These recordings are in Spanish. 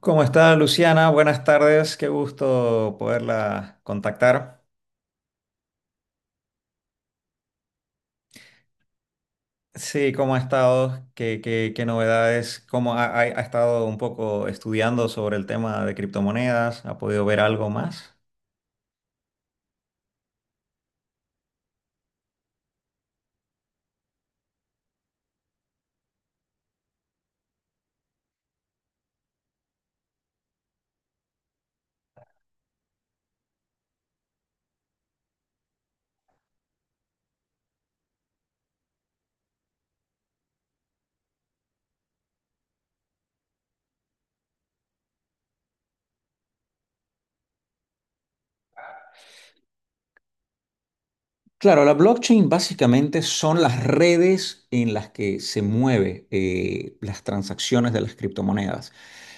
¿Cómo está Luciana? Buenas tardes, qué gusto poderla contactar. Sí, ¿cómo ha estado? ¿Qué novedades? ¿Cómo ha estado un poco estudiando sobre el tema de criptomonedas? ¿Ha podido ver algo más? Claro, la blockchain básicamente son las redes en las que se mueven las transacciones de las criptomonedas.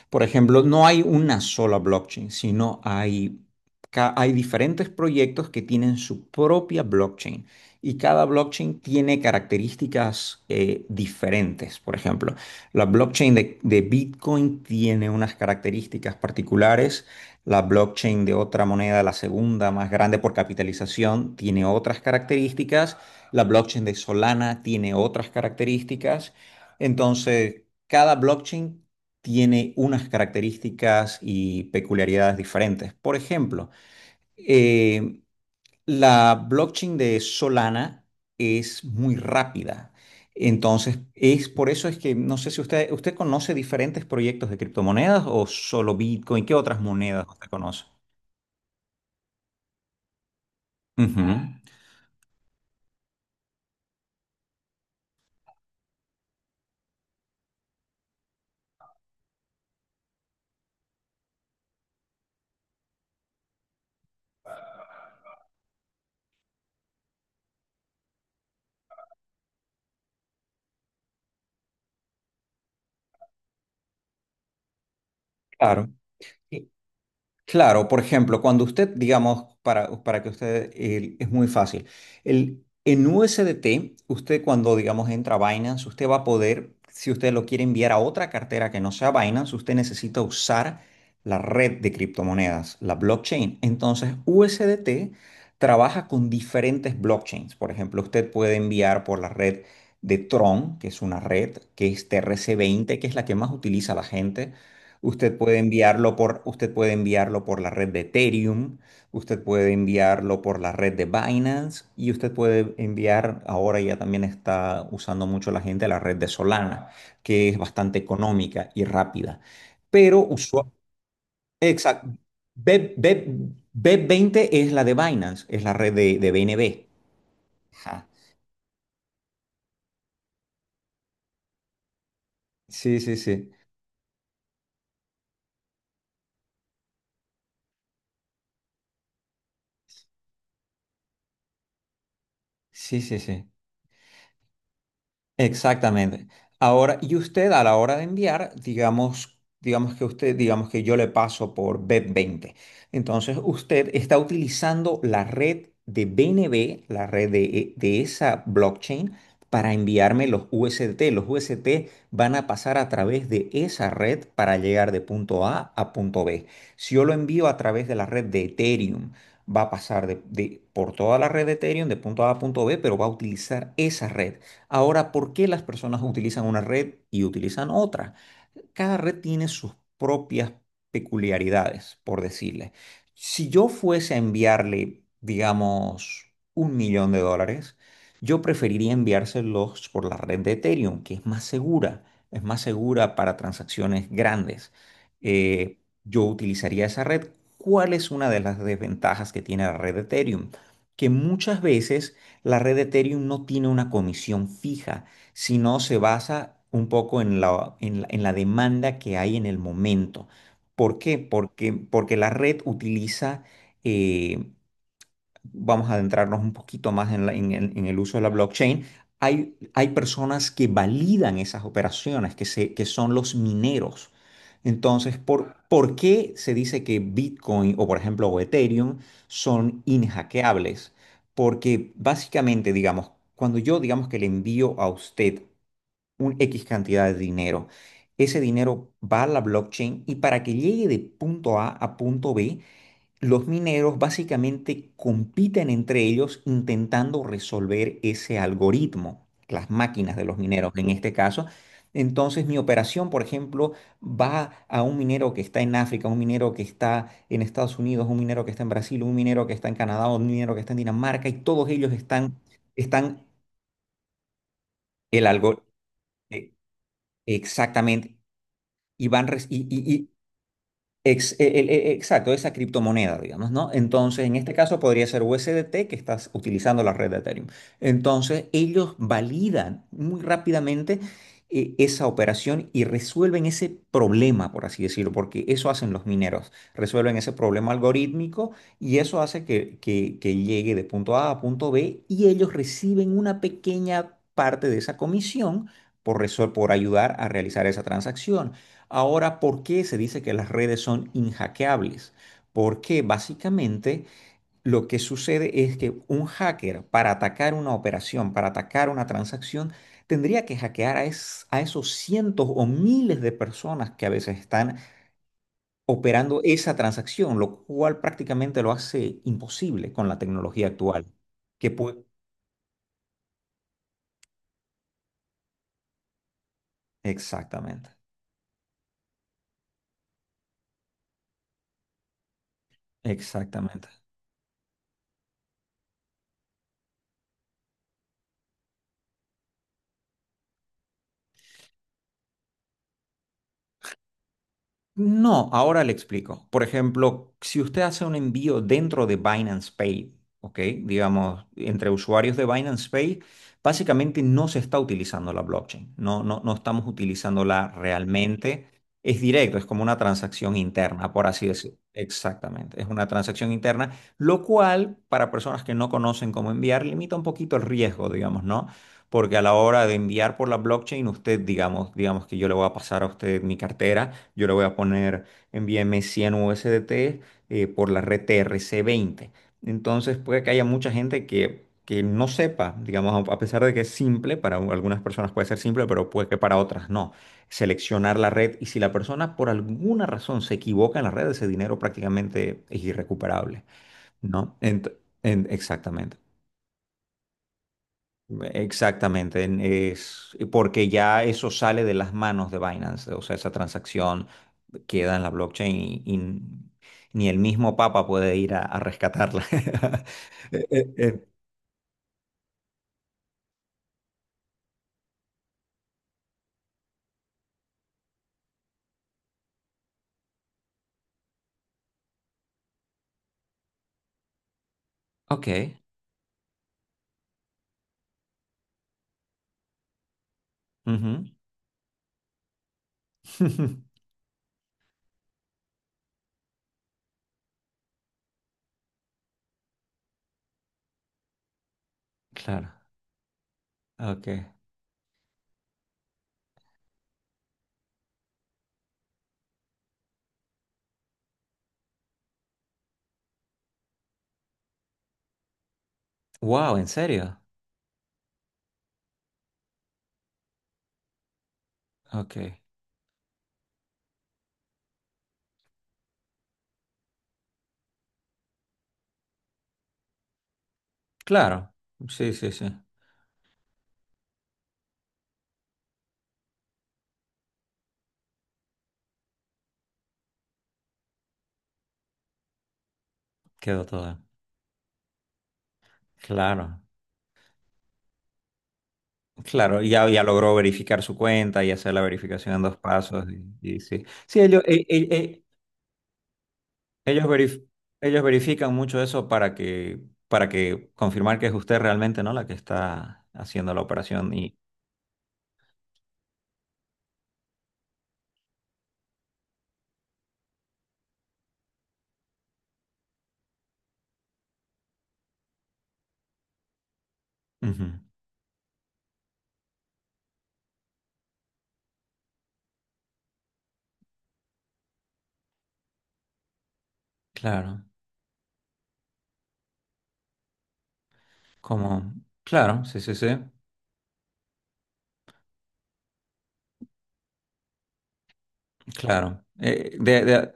Por ejemplo, no hay una sola blockchain, sino hay diferentes proyectos que tienen su propia blockchain y cada blockchain tiene características diferentes. Por ejemplo, la blockchain de Bitcoin tiene unas características particulares, la blockchain de otra moneda, la segunda más grande por capitalización, tiene otras características, la blockchain de Solana tiene otras características. Entonces, cada blockchain tiene unas características y peculiaridades diferentes. Por ejemplo, eh, la blockchain de Solana es muy rápida. Entonces, es por eso es que no sé si usted conoce diferentes proyectos de criptomonedas o solo Bitcoin, ¿qué otras monedas usted conoce? Ujú. Claro. Claro, por ejemplo, cuando usted, digamos, para que usted, es muy fácil. En USDT, usted cuando, digamos, entra a Binance, usted va a poder, si usted lo quiere enviar a otra cartera que no sea Binance, usted necesita usar la red de criptomonedas, la blockchain. Entonces, USDT trabaja con diferentes blockchains. Por ejemplo, usted puede enviar por la red de Tron, que es una red, que es TRC20 que es la que más utiliza la gente. Usted puede enviarlo por la red de Ethereum, usted puede enviarlo por la red de Binance y usted puede enviar, ahora ya también está usando mucho la gente la red de Solana, que es bastante económica y rápida. Pero usual, exacto, B, B, 20 es la de Binance, es la red de BNB. Ajá. Sí, sí, sí. Sí, sí, sí. Exactamente. Ahora, y usted a la hora de enviar, digamos que usted, digamos que yo le paso por B20. Entonces, usted está utilizando la red de BNB, la red de esa blockchain, para enviarme los USDT. Los USDT van a pasar a través de esa red para llegar de punto A a punto B. Si yo lo envío a través de la red de Ethereum, va a pasar por toda la red de Ethereum de punto A a punto B, pero va a utilizar esa red. Ahora, ¿por qué las personas utilizan una red y utilizan otra? Cada red tiene sus propias peculiaridades, por decirle. Si yo fuese a enviarle, digamos, 1 millón de dólares, yo preferiría enviárselos por la red de Ethereum, que es más segura para transacciones grandes. Yo utilizaría esa red. ¿Cuál es una de las desventajas que tiene la red de Ethereum? Que muchas veces la red de Ethereum no tiene una comisión fija sino se basa un poco en la demanda que hay en el momento. ¿Por qué? Porque la red utiliza, eh, vamos a adentrarnos un poquito más en el uso de la blockchain. Hay personas que validan esas operaciones, que son los mineros. Entonces, ¿por qué se dice que Bitcoin o, por ejemplo, o Ethereum son inhackeables? Porque básicamente, digamos, cuando yo digamos que le envío a usted un X cantidad de dinero. Ese dinero va a la blockchain y para que llegue de punto A a punto B, los mineros básicamente compiten entre ellos intentando resolver ese algoritmo, las máquinas de los mineros en este caso. Entonces mi operación, por ejemplo, va a un minero que está en África, un minero que está en Estados Unidos, un minero que está en Brasil, un minero que está en Canadá, un minero que está en Dinamarca y todos ellos están el algoritmo. eh, Exactamente. Y van re- y Exacto, esa criptomoneda, digamos, ¿no? Entonces, en este caso podría ser USDT que estás utilizando la red de Ethereum. Entonces, ellos validan muy rápidamente esa operación y resuelven ese problema, por así decirlo, porque eso hacen los mineros, resuelven ese problema algorítmico y eso hace que llegue de punto A a punto B y ellos reciben una pequeña parte de esa comisión por ayudar a realizar esa transacción. Ahora, ¿por qué se dice que las redes son inhackeables? Porque básicamente lo que sucede es que un hacker para atacar una operación, para atacar una transacción, tendría que hackear a esos cientos o miles de personas que a veces están operando esa transacción, lo cual prácticamente lo hace imposible con la tecnología actual. ¿Que puede? Exactamente, exactamente. No, ahora le explico. Por ejemplo, si usted hace un envío dentro de Binance Pay, ¿ok? Digamos, entre usuarios de Binance Pay, básicamente no se está utilizando la blockchain, no, no, no estamos utilizándola realmente. Es directo, es como una transacción interna, por así decirlo. Exactamente, es una transacción interna, lo cual para personas que no conocen cómo enviar limita un poquito el riesgo, digamos, ¿no? Porque a la hora de enviar por la blockchain, usted, digamos que yo le voy a pasar a usted mi cartera. Yo le voy a poner, envíame 100 USDT por la red TRC20. Entonces puede que haya mucha gente que no sepa, digamos, a pesar de que es simple, para algunas personas puede ser simple, pero puede que para otras no. Seleccionar la red y si la persona por alguna razón se equivoca en la red, ese dinero prácticamente es irrecuperable, ¿no? Exactamente. Exactamente, es porque ya eso sale de las manos de Binance, o sea, esa transacción queda en la blockchain y ni el mismo Papa puede ir a rescatarla. Eh, eh, eh, Ok, ujú. Claro, ok. Wow, ¿en serio? Ok, claro, sí, sí, sí, quedó todo. Claro, claro, y ya, ya logró verificar su cuenta y hacer la verificación en dos pasos y sí. Sí, Ellos verif- ellos verifican mucho eso para que confirmar que es usted realmente, ¿no? La que está haciendo la operación y... Ujú. Claro, como. Claro, sí, sí, sí, claro.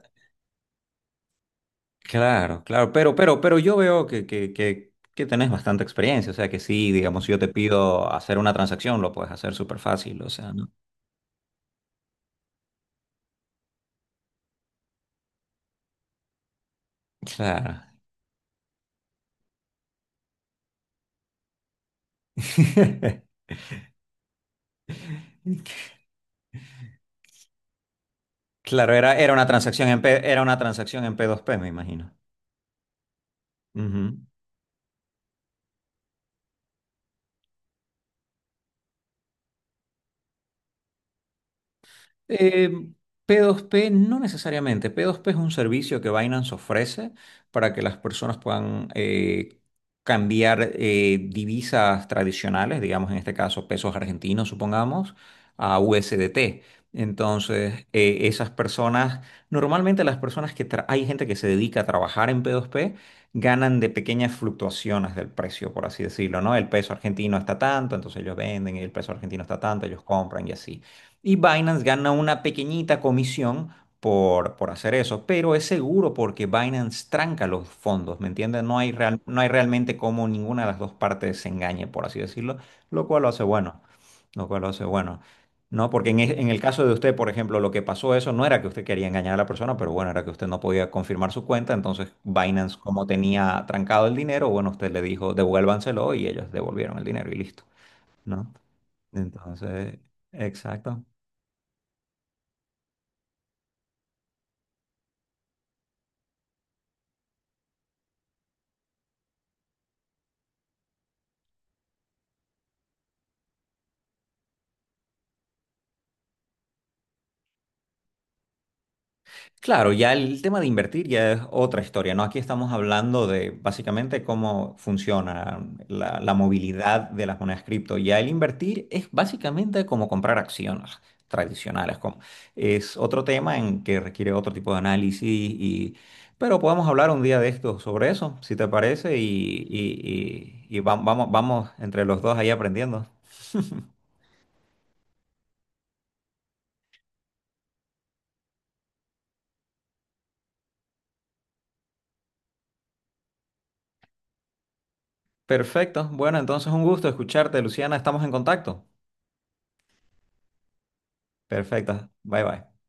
Claro, claro, pero yo veo que tenés bastante experiencia, o sea que sí, digamos, si yo te pido hacer una transacción, lo puedes hacer súper fácil, o sea, ¿no? Claro. Claro, era una transacción en P2P, me imagino. Ujú. Eh, P2P no necesariamente. P2P es un servicio que Binance ofrece para que las personas puedan cambiar divisas tradicionales, digamos en este caso pesos argentinos, supongamos, a USDT. Entonces, esas personas, normalmente las personas hay gente que se dedica a trabajar en P2P, ganan de pequeñas fluctuaciones del precio, por así decirlo, ¿no? El peso argentino está tanto, entonces ellos venden, y el peso argentino está tanto, ellos compran y así. Y Binance gana una pequeñita comisión por hacer eso, pero es seguro porque Binance tranca los fondos, ¿me entiendes? No hay real- no hay realmente como ninguna de las dos partes se engañe, por así decirlo, lo cual lo hace bueno, lo cual lo hace bueno. No, porque en el caso de usted, por ejemplo, lo que pasó eso no era que usted quería engañar a la persona, pero bueno, era que usted no podía confirmar su cuenta, entonces Binance, como tenía trancado el dinero, bueno, usted le dijo devuélvanselo y ellos devolvieron el dinero y listo, ¿no? Entonces, exacto. Claro, ya el tema de invertir ya es otra historia, ¿no? Aquí estamos hablando de básicamente cómo funciona la, la movilidad de las monedas cripto. Ya el invertir es básicamente como comprar acciones tradicionales. Es otro tema en que requiere otro tipo de análisis y, pero podemos hablar un día de esto sobre eso, si te parece, y vamos, vamos entre los dos ahí aprendiendo. Perfecto. Bueno, entonces un gusto escucharte, Luciana. Estamos en contacto. Perfecto. Bye bye.